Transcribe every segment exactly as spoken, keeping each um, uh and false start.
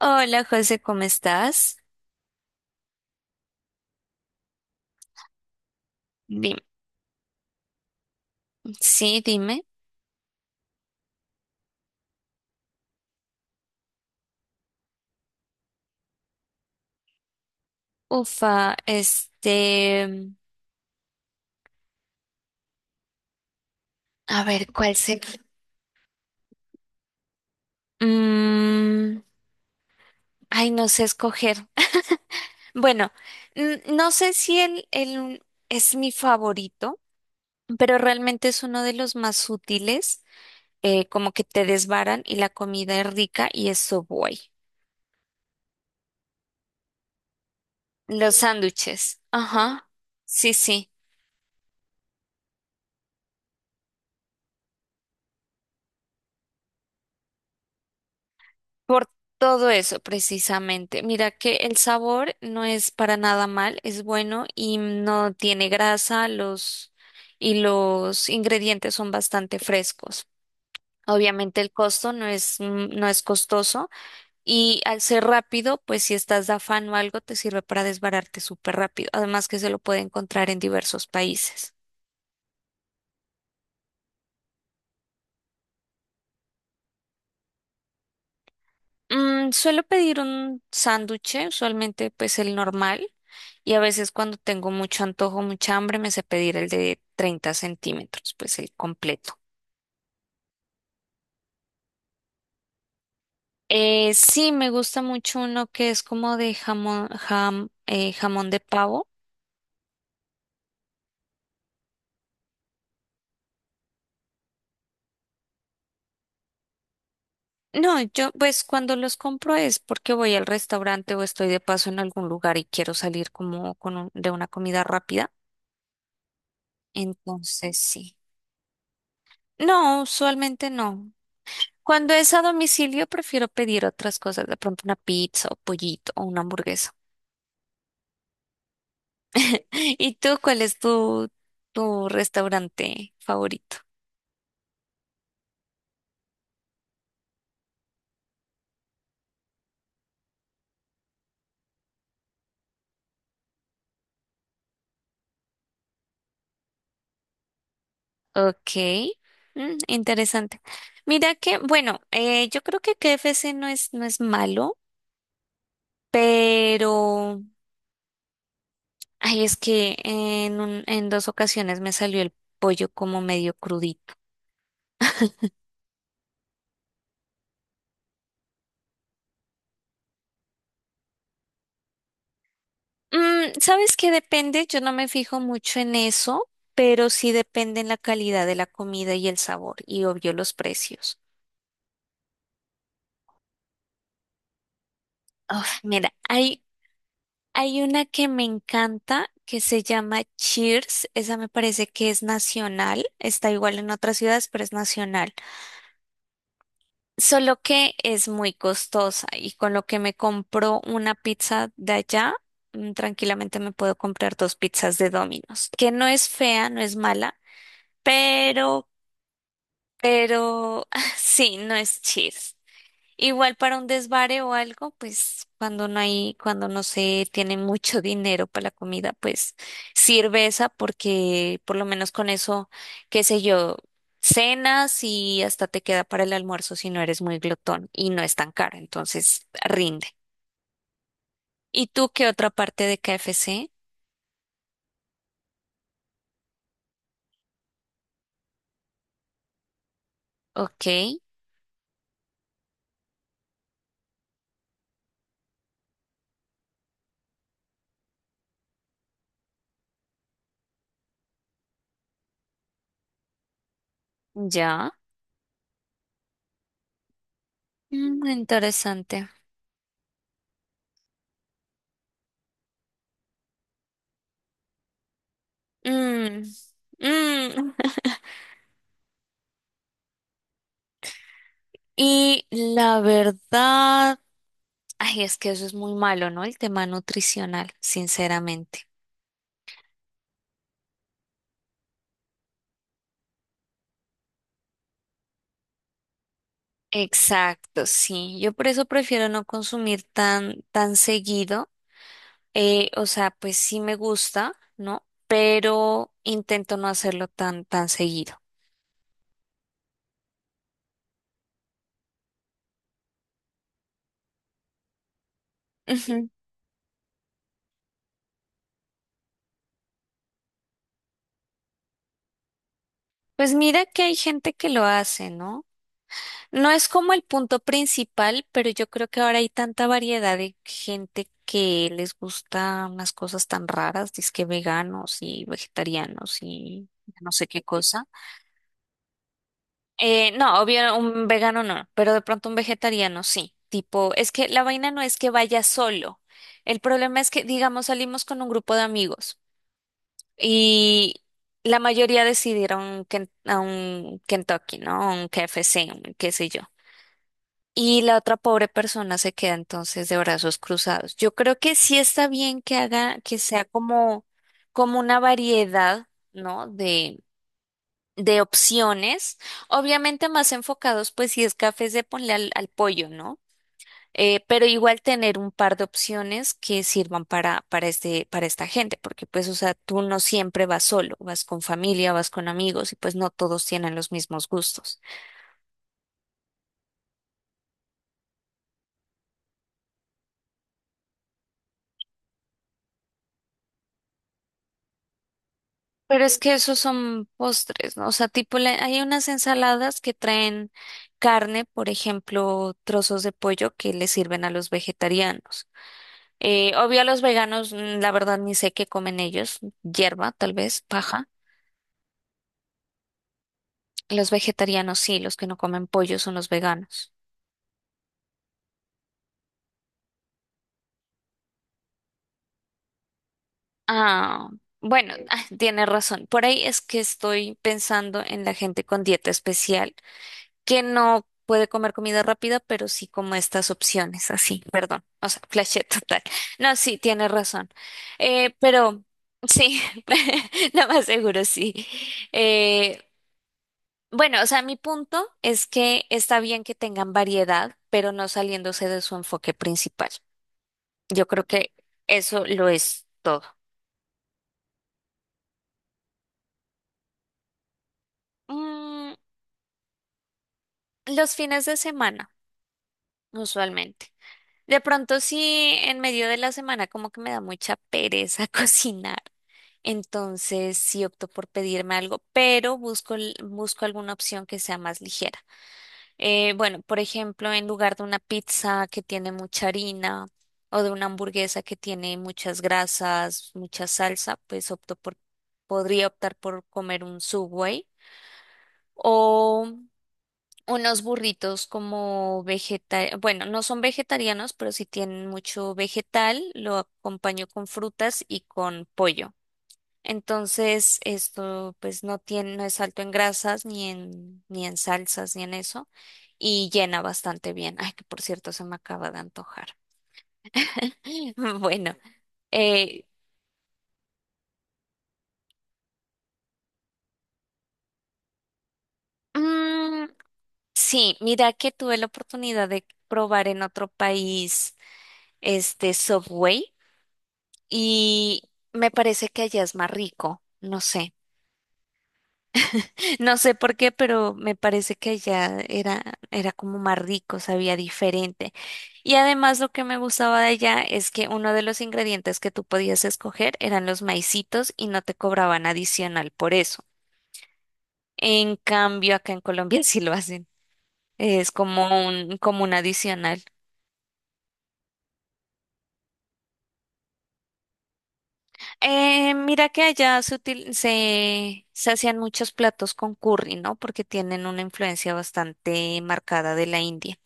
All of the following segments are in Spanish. Hola José, ¿cómo estás? Dime, sí, dime. Ufa, este, a ver, ¿cuál se... Mm, ay, no sé escoger. Bueno, n- no sé si el el es mi favorito, pero realmente es uno de los más útiles, eh, como que te desbaran y la comida es rica y es Subway. Los sándwiches, ajá, sí, sí. Por todo eso, precisamente. Mira que el sabor no es para nada mal, es bueno y no tiene grasa, los y los ingredientes son bastante frescos. Obviamente el costo no es mm, no es costoso y al ser rápido, pues si estás de afán o algo, te sirve para desbararte súper rápido. Además que se lo puede encontrar en diversos países. Mm, suelo pedir un sándwich, usualmente pues el normal. Y a veces cuando tengo mucho antojo, mucha hambre, me sé pedir el de treinta centímetros, pues el completo. Eh, sí, me gusta mucho uno que es como de jamón, jam- eh, jamón de pavo. No, yo pues cuando los compro es porque voy al restaurante o estoy de paso en algún lugar y quiero salir como con un- de una comida rápida. Entonces sí. No, usualmente no. Cuando es a domicilio prefiero pedir otras cosas, de pronto una pizza o pollito o una hamburguesa. ¿Y tú cuál es tu, tu restaurante favorito? Ok, mm, interesante. Mira que, bueno, eh, yo creo que K F C no es, no es malo, pero, ay, es que en un- en dos ocasiones me salió el pollo como medio crudito. Mm, ¿sabes qué depende? Yo no me fijo mucho en eso, pero sí depende en la calidad de la comida y el sabor, y obvio los precios. Uf, mira, hay Hay una que me encanta que se llama Cheers. Esa me parece que es nacional. Está igual en otras ciudades, pero es nacional. Solo que es muy costosa y con lo que me compro una pizza de allá, mm, tranquilamente me puedo comprar dos pizzas de Domino's, que no es fea, no es mala, pero, pero sí, no es Cheers. Igual para un desvare o algo, pues cuando no hay, cuando no se tiene mucho dinero para la comida, pues sirve esa porque por lo menos con eso, qué sé yo, cenas y hasta te queda para el almuerzo si no eres muy glotón y no es tan cara, entonces rinde. ¿Y tú qué otra parte de K F C? Ok, ya. Mm, interesante. Mm, mm. Y la verdad. Ay, es que eso es muy malo, ¿no? El tema nutricional, sinceramente. Exacto, sí. Yo por eso prefiero no consumir tan, tan seguido. Eh, o sea, pues sí me gusta, ¿no? Pero intento no hacerlo tan, tan seguido. Ujú. Pues mira que hay gente que lo hace, ¿no? No es como el punto principal, pero yo creo que ahora hay tanta variedad de gente que les gusta unas cosas tan raras, dizque veganos y vegetarianos y no sé qué cosa. Eh, no, obvio, un vegano no, pero de pronto un vegetariano sí. Tipo, es que la vaina no es que vaya solo. El problema es que, digamos, salimos con un grupo de amigos y la mayoría decidieron que, a un Kentucky, ¿no? Un K F C, un qué sé yo. Y la otra pobre persona se queda entonces de brazos cruzados. Yo creo que sí está bien que haga, que sea como, como una variedad, ¿no? De opciones, obviamente más enfocados, pues si es café, se ponle al, al pollo, ¿no? Eh, pero igual tener un par de opciones que sirvan para, para este, para esta gente, porque pues, o sea, tú no siempre vas solo, vas con familia, vas con amigos y pues no todos tienen los mismos gustos. Pero es que esos son postres, ¿no? O sea, tipo, la- hay unas ensaladas que traen carne, por ejemplo, trozos de pollo que le sirven a los vegetarianos. Eh, obvio a los veganos, mm, la verdad ni sé qué comen ellos, hierba tal vez, paja. Los vegetarianos sí, los que no comen pollo son los veganos. Ah, bueno, ah, tiene razón. Por ahí es que estoy pensando en la gente con dieta especial, que no puede comer comida rápida, pero sí como estas opciones, así, perdón, o sea, flashé total. No, sí, tiene razón. Eh, pero sí, lo más seguro sí. Eh, Bueno, o sea, mi punto es que está bien que tengan variedad, pero no saliéndose de su enfoque principal. Yo creo que eso lo es todo. Mm, los fines de semana, usualmente. De pronto, sí, en medio de la semana como que me da mucha pereza cocinar. Entonces, sí opto por pedirme algo, pero busco, l- busco alguna opción que sea más ligera. Eh, bueno, por ejemplo, en lugar de una pizza que tiene mucha harina o de una hamburguesa que tiene muchas grasas, mucha salsa, pues opto por, podría optar por comer un Subway o unos burritos como vegetal, bueno, no son vegetarianos, pero si tienen mucho vegetal, lo acompaño con frutas y con pollo. Entonces, esto pues no tiene, no es alto en grasas, ni en, ni en salsas, ni en eso, y llena bastante bien. Ay, que por cierto, se me acaba de antojar. Bueno, eh, mm, sí, mira que tuve la oportunidad de probar en otro país este Subway y me parece que allá es más rico, no sé. No sé por qué, pero me parece que allá era, era como más rico, sabía diferente. Y además lo que me gustaba de allá es que uno de los ingredientes que tú podías escoger eran los maicitos y no te cobraban adicional por eso. En cambio, acá en Colombia sí lo hacen. Es como un, como un adicional. Eh, mira que allá se, util- se, se hacían muchos platos con curry, ¿no? Porque tienen una influencia bastante marcada de la India.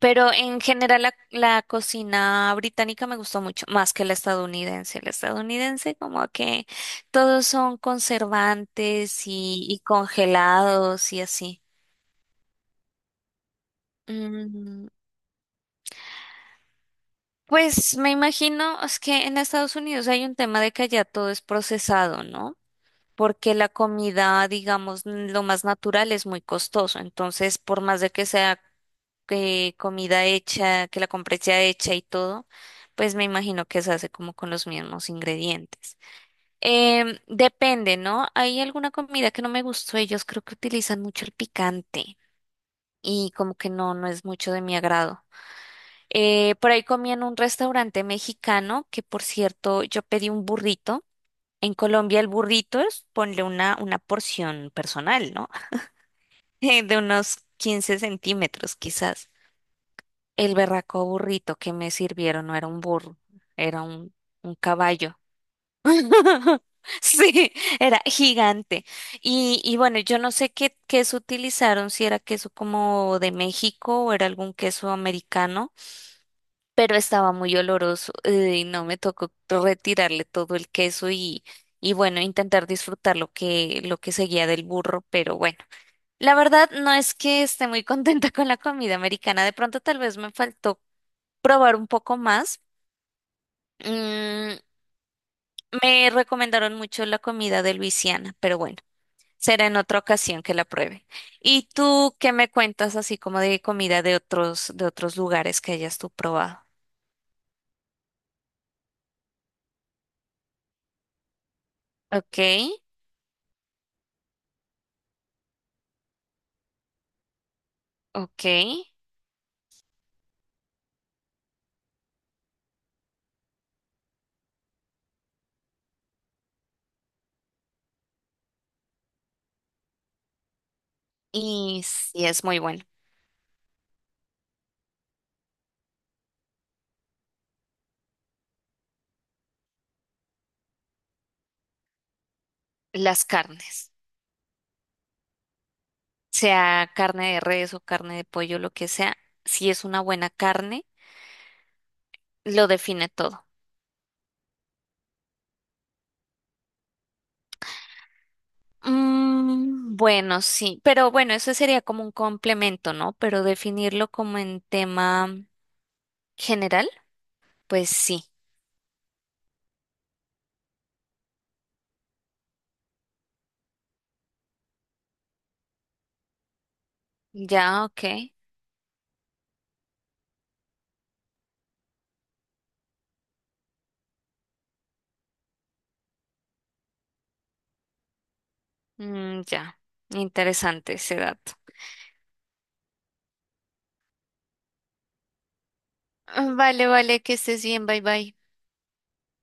Pero en general la, la cocina británica me gustó mucho, más que la estadounidense. La estadounidense como que todos son conservantes y, y congelados y así. Mm, pues me imagino es que en Estados Unidos hay un tema de que allá todo es procesado, ¿no? Porque la comida, digamos, n- lo más natural es muy costoso. Entonces, por más de que sea eh, comida hecha, que la compres ya hecha y todo, pues me imagino que se hace como con los mismos ingredientes. Em, depende, ¿no? Hay alguna comida que no me gustó. Ellos creo que utilizan mucho el picante y como que no, no es mucho de mi agrado. Eh, por ahí comí en un restaurante mexicano que, por cierto, yo pedí un burrito. En Colombia el burrito es ponle una, una porción personal, ¿no? De unos 15 centímetros quizás. El berraco burrito que me sirvieron no era un burro, era un, un caballo. Sí, era gigante. Y, y bueno, yo no sé qué queso utilizaron, si era queso como de México o era algún queso americano pero estaba muy oloroso eh, y no me tocó retirarle todo el queso y, y bueno, intentar disfrutar lo que, lo que seguía del burro, pero bueno, la verdad no es que esté muy contenta con la comida americana, de pronto tal vez me faltó probar un poco más. Mm, me recomendaron mucho la comida de Luisiana, pero bueno, será en otra ocasión que la pruebe. ¿Y tú qué me cuentas así como de comida de otros, de otros lugares que hayas tú probado? Ok, ok. y sí es muy bueno. Las carnes, sea carne de res o carne de pollo, lo que sea, si es una buena carne, lo define todo. Mm, bueno, sí, pero bueno, eso sería como un complemento, ¿no? Pero definirlo como en tema general, pues sí. Ya, ok. Mm, ya, interesante ese dato. Vale, vale, que estés bien, bye bye.